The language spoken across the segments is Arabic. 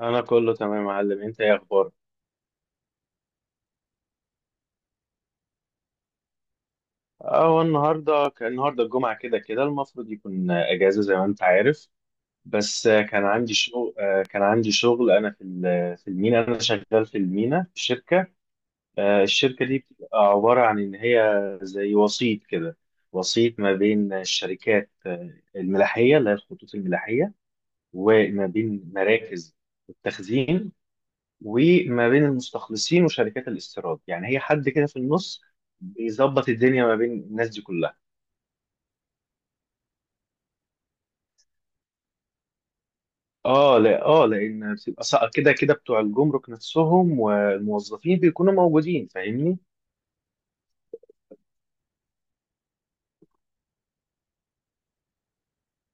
انا كله تمام يا معلم، انت ايه اخبارك؟ اه، النهارده كان النهارده الجمعه كده كده المفروض يكون اجازه زي ما انت عارف. بس كان عندي شغل. انا في المينا، انا شغال في المينا في شركه. الشركه دي بتبقى عباره عن ان هي زي وسيط كده، وسيط ما بين الشركات، الملاحيه اللي هي الخطوط الملاحيه، وما بين مراكز التخزين، وما بين المستخلصين وشركات الاستيراد. يعني هي حد كده في النص بيظبط الدنيا ما بين الناس دي كلها. اه، لا اه، لان بتبقى كده كده بتوع الجمرك نفسهم والموظفين بيكونوا موجودين، فاهمني.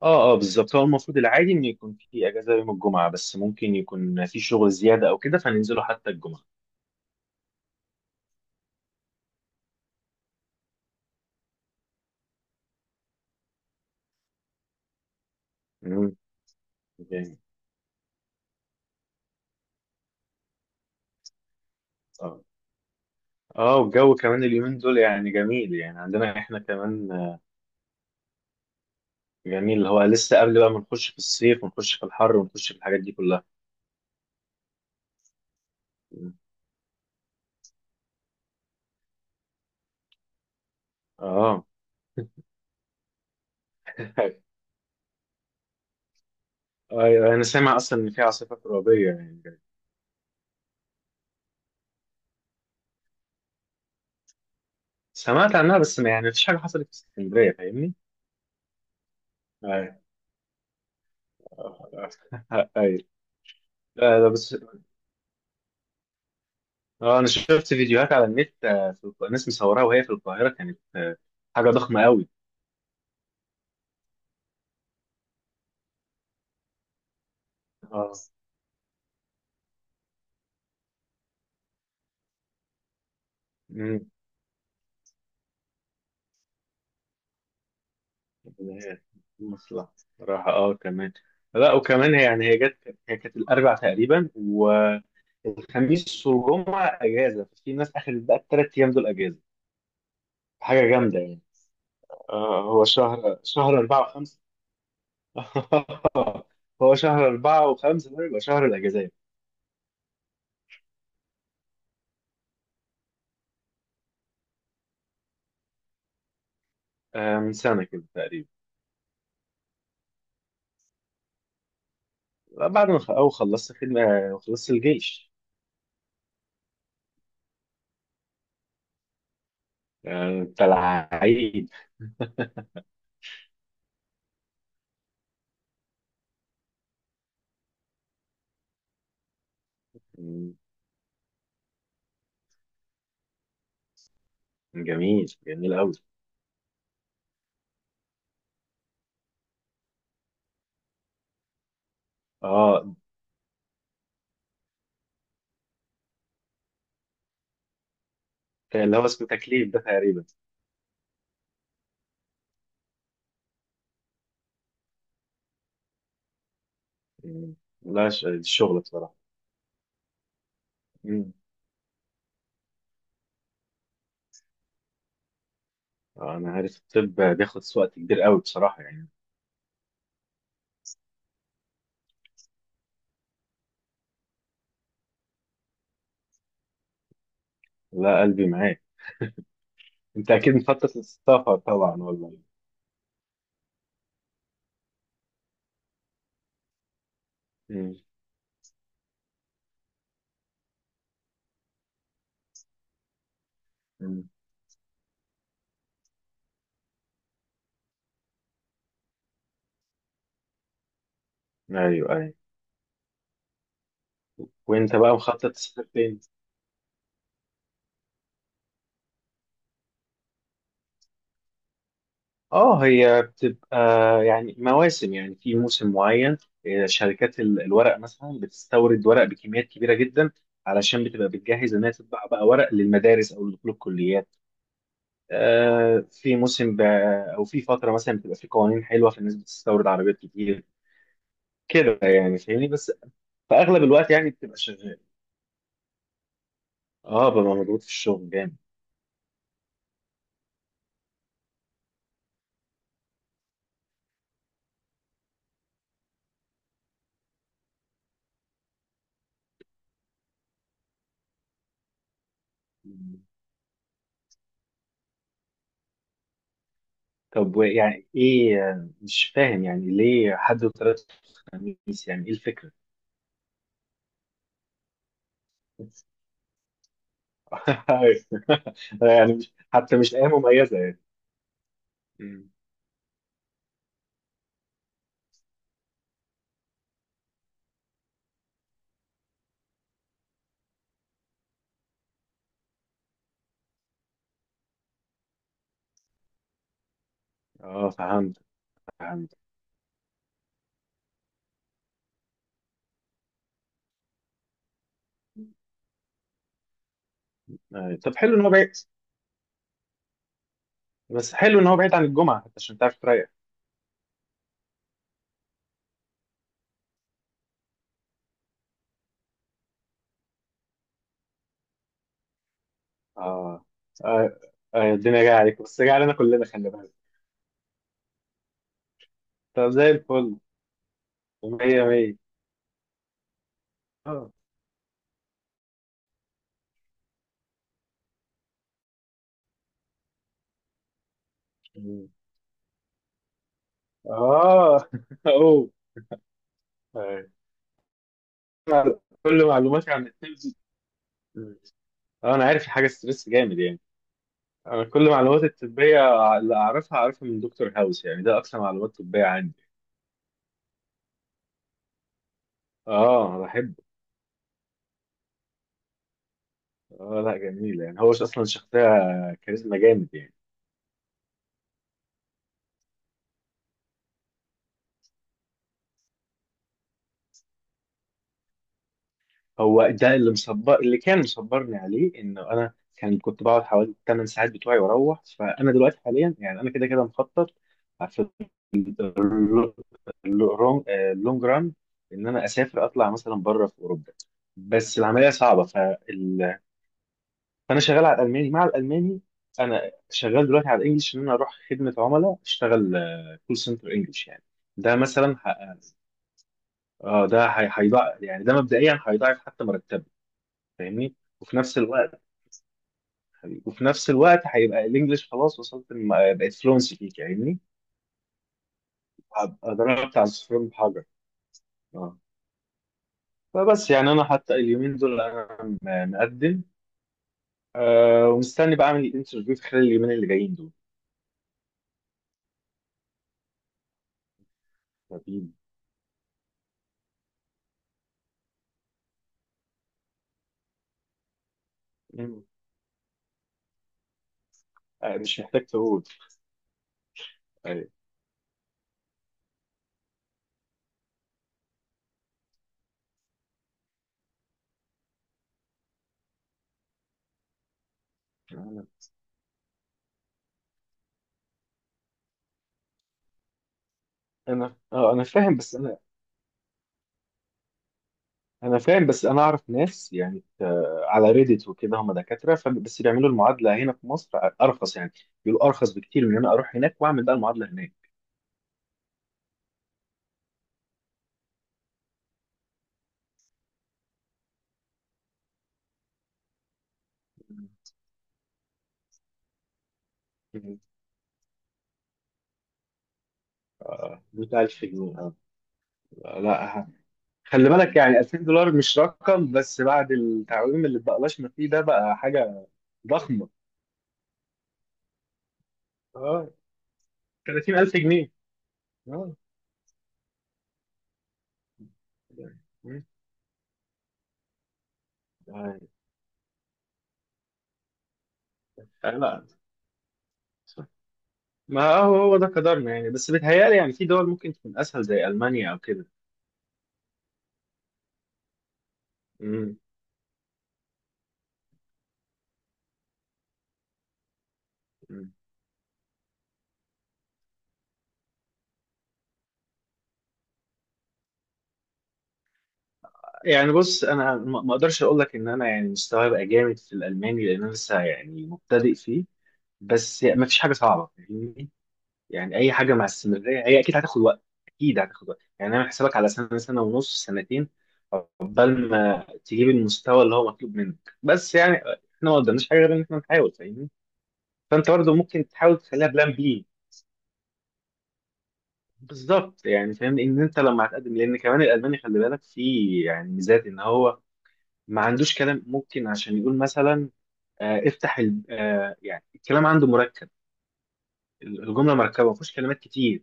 اه اه، بالظبط. هو المفروض العادي ان يكون في اجازه يوم الجمعه، بس ممكن يكون في شغل زياده او كده فننزله حتى الجمعه. امم. جامد. اه اه، والجو كمان اليومين دول يعني جميل، يعني عندنا احنا كمان جميل، اللي هو لسه قبل بقى ما نخش في الصيف ونخش في الحر ونخش في الحاجات دي كلها. اه، أيوة، انا سامع اصلا ان في عاصفه ترابيه يعني. سمعت عنها بس يعني مفيش حاجه حصلت في اسكندريه، فاهمني. ايوه، ايوه. لا لا، بس اه، انا شفت فيديوهات على النت. في ناس مصوراها وهي في القاهره، كانت حاجه ضخمه قوي. اه. امم. مصلحه صراحه، اه كمان. لا وكمان هي يعني، هي جت، هي كانت الاربع تقريبا والخميس والجمعه اجازه، ففي ناس اخذت بقى الثلاث ايام دول اجازه. حاجه جامده يعني. آه، هو شهر أربعة وخمسة. هو شهر أربعة وخمسة ده يبقى شهر الأجازات. آه، من سنة كده تقريبا. بعد ما خ- أو خلصت خدمة وخلصت الجيش. آه، بتاع العيد. مم. جميل جميل أوي. اه، اللي هو اسمه تكليف ده تقريبا. مم. لا، الشغل بصراحة. مم. آه، أنا عارف الطب بياخد وقت كبير أوي بصراحة يعني. لا، قلبي معاك. أنت أكيد مخطط للسفر طبعا، والله. مم. مم. أيوه أيوه. وأنت بقى مخطط تسافر فين؟ اه، هي بتبقى يعني مواسم، يعني في موسم معين. شركات الورق مثلا بتستورد ورق بكميات كبيره جدا، علشان بتبقى بتجهز انها تطبع بقى ورق للمدارس او لدخول الكليات. آه، في موسم ب- او في فتره مثلا بتبقى في قوانين حلوه فالناس بتستورد عربيات كتير كده يعني، فاهمني. بس في اغلب الوقت يعني بتبقى شغال. اه، ببقى مضغوط في الشغل جامد. طب يعني ايه مش فاهم يعني ليه حد وثلاث خميس، يعني ايه الفكره؟ أيوة. يعني مش حتى مش ايه مميزه يعني. مم. اه فهمت. فهمت. أيوة. طب حلو ان هو بعيد، عن الجمعه حتى عشان تعرف تريح. اه. آه، آه، الدنيا جايه عليك بس جايه علينا كلنا، خلي بالك. طب زي الفل. مية مية. اه. مم. اه، اوه. أيوة. كل معلوماتي عن التبس. مم. اه، انا عارف الحاجه ستريس جامد يعني. انا كل معلوماتي الطبيه اللي اعرفها اعرفها من دكتور هاوس يعني، ده اكثر معلومات طبيه عندي. اه، بحب. اه لا، جميل يعني، هو اصلا شخصيه كاريزما جامد يعني. هو ده اللي مصبر، اللي كان مصبرني عليه، انه انا كان كنت بقعد حوالي 8 ساعات بتوعي واروح. فانا دلوقتي حاليا يعني انا كده كده مخطط في اللونج ران ان انا اسافر اطلع مثلا بره في اوروبا. بس العمليه صعبه، فانا شغال على الالماني مع الالماني. انا شغال دلوقتي على الانجليش، ان انا اروح خدمه عملاء اشتغل كول سنتر انجليش يعني. ده مثلا اه ده هيضاعف يعني، ده مبدئيا هيضاعف حتى مرتبه، فاهمني. وفي نفس الوقت وفي نفس الوقت هيبقى الانجليش خلاص وصلت بقت فلونسي فيك، فاهمني. هبقى ضربت على الصفر بحجر. اه. فبس يعني انا حتى اليومين دول مقدم، آه، ومستني بقى اعمل الانترفيو في خلال اليومين اللي جايين دول. طيب. مم. آه، مش محتاج تقول. ايوه. انا انا اه انا فاهم، بس انا اعرف ناس يعني، على ريديت وكده هم دكاتره، بس بيعملوا المعادله هنا في مصر ارخص يعني. بيقولوا ارخص بكتير من ان انا اروح هناك واعمل بقى المعادله هناك. مم. آه، 1000 جنيه. آه، لا ه- خلي بالك يعني 2000 دولار مش رقم، بس بعد التعويم اللي اتبقلاش ما فيه ده بقى حاجه ضخمه. اه، 30000 جنيه. اه يعني. مم. آه. آه، لا، ما هو هو ده قدرنا يعني، بس بيتهيألي يعني في دول ممكن تكون اسهل زي المانيا او كده. مم. يعني بص، انا ما اقدرش اقول لك ان انا يعني مستواي بقى جامد في الالماني، لان انا لسه يعني مبتدئ فيه. بس يعني ما فيش حاجه صعبه، فاهمني. يعني اي حاجه مع استمراريه هي اكيد هتاخد وقت. اكيد هتاخد وقت يعني، انا حسابك على سنه سنه ونص سنتين عقبال ما تجيب المستوى اللي هو مطلوب منك، بس يعني احنا ما قدامناش حاجه غير ان احنا نحاول، فاهمني. فانت برضه ممكن تحاول تخليها بلان بي. بالظبط يعني، فاهم ان انت لما هتقدم، لان كمان الالماني خلي بالك فيه يعني ميزات ان هو ما عندوش كلام ممكن عشان يقول مثلا، آه، افتح ال... آه، يعني الكلام عنده مركب، الجمله مركبه ما فيهوش كلمات كتير.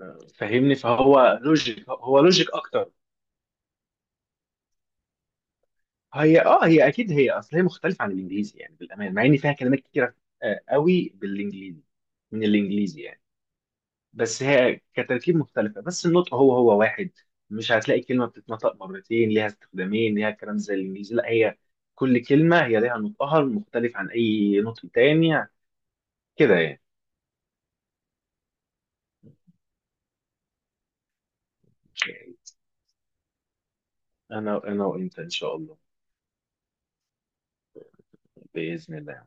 فاهمني، فهو لوجيك، هو لوجيك اكتر. هي اه هي اكيد، هي اصل هي مختلفه عن الانجليزي يعني بالامان، مع ان فيها كلمات كتيره قوي بالانجليزي، من الانجليزي يعني. بس هي كتركيب مختلفه، بس النطق هو هو واحد. مش هتلاقي كلمه بتتنطق مرتين ليها استخدامين ليها كلام زي الانجليزي، لا هي كل كلمه هي ليها نطقها المختلف عن اي نطق تاني كده يعني. انا انا وانت ان شاء الله. باذن الله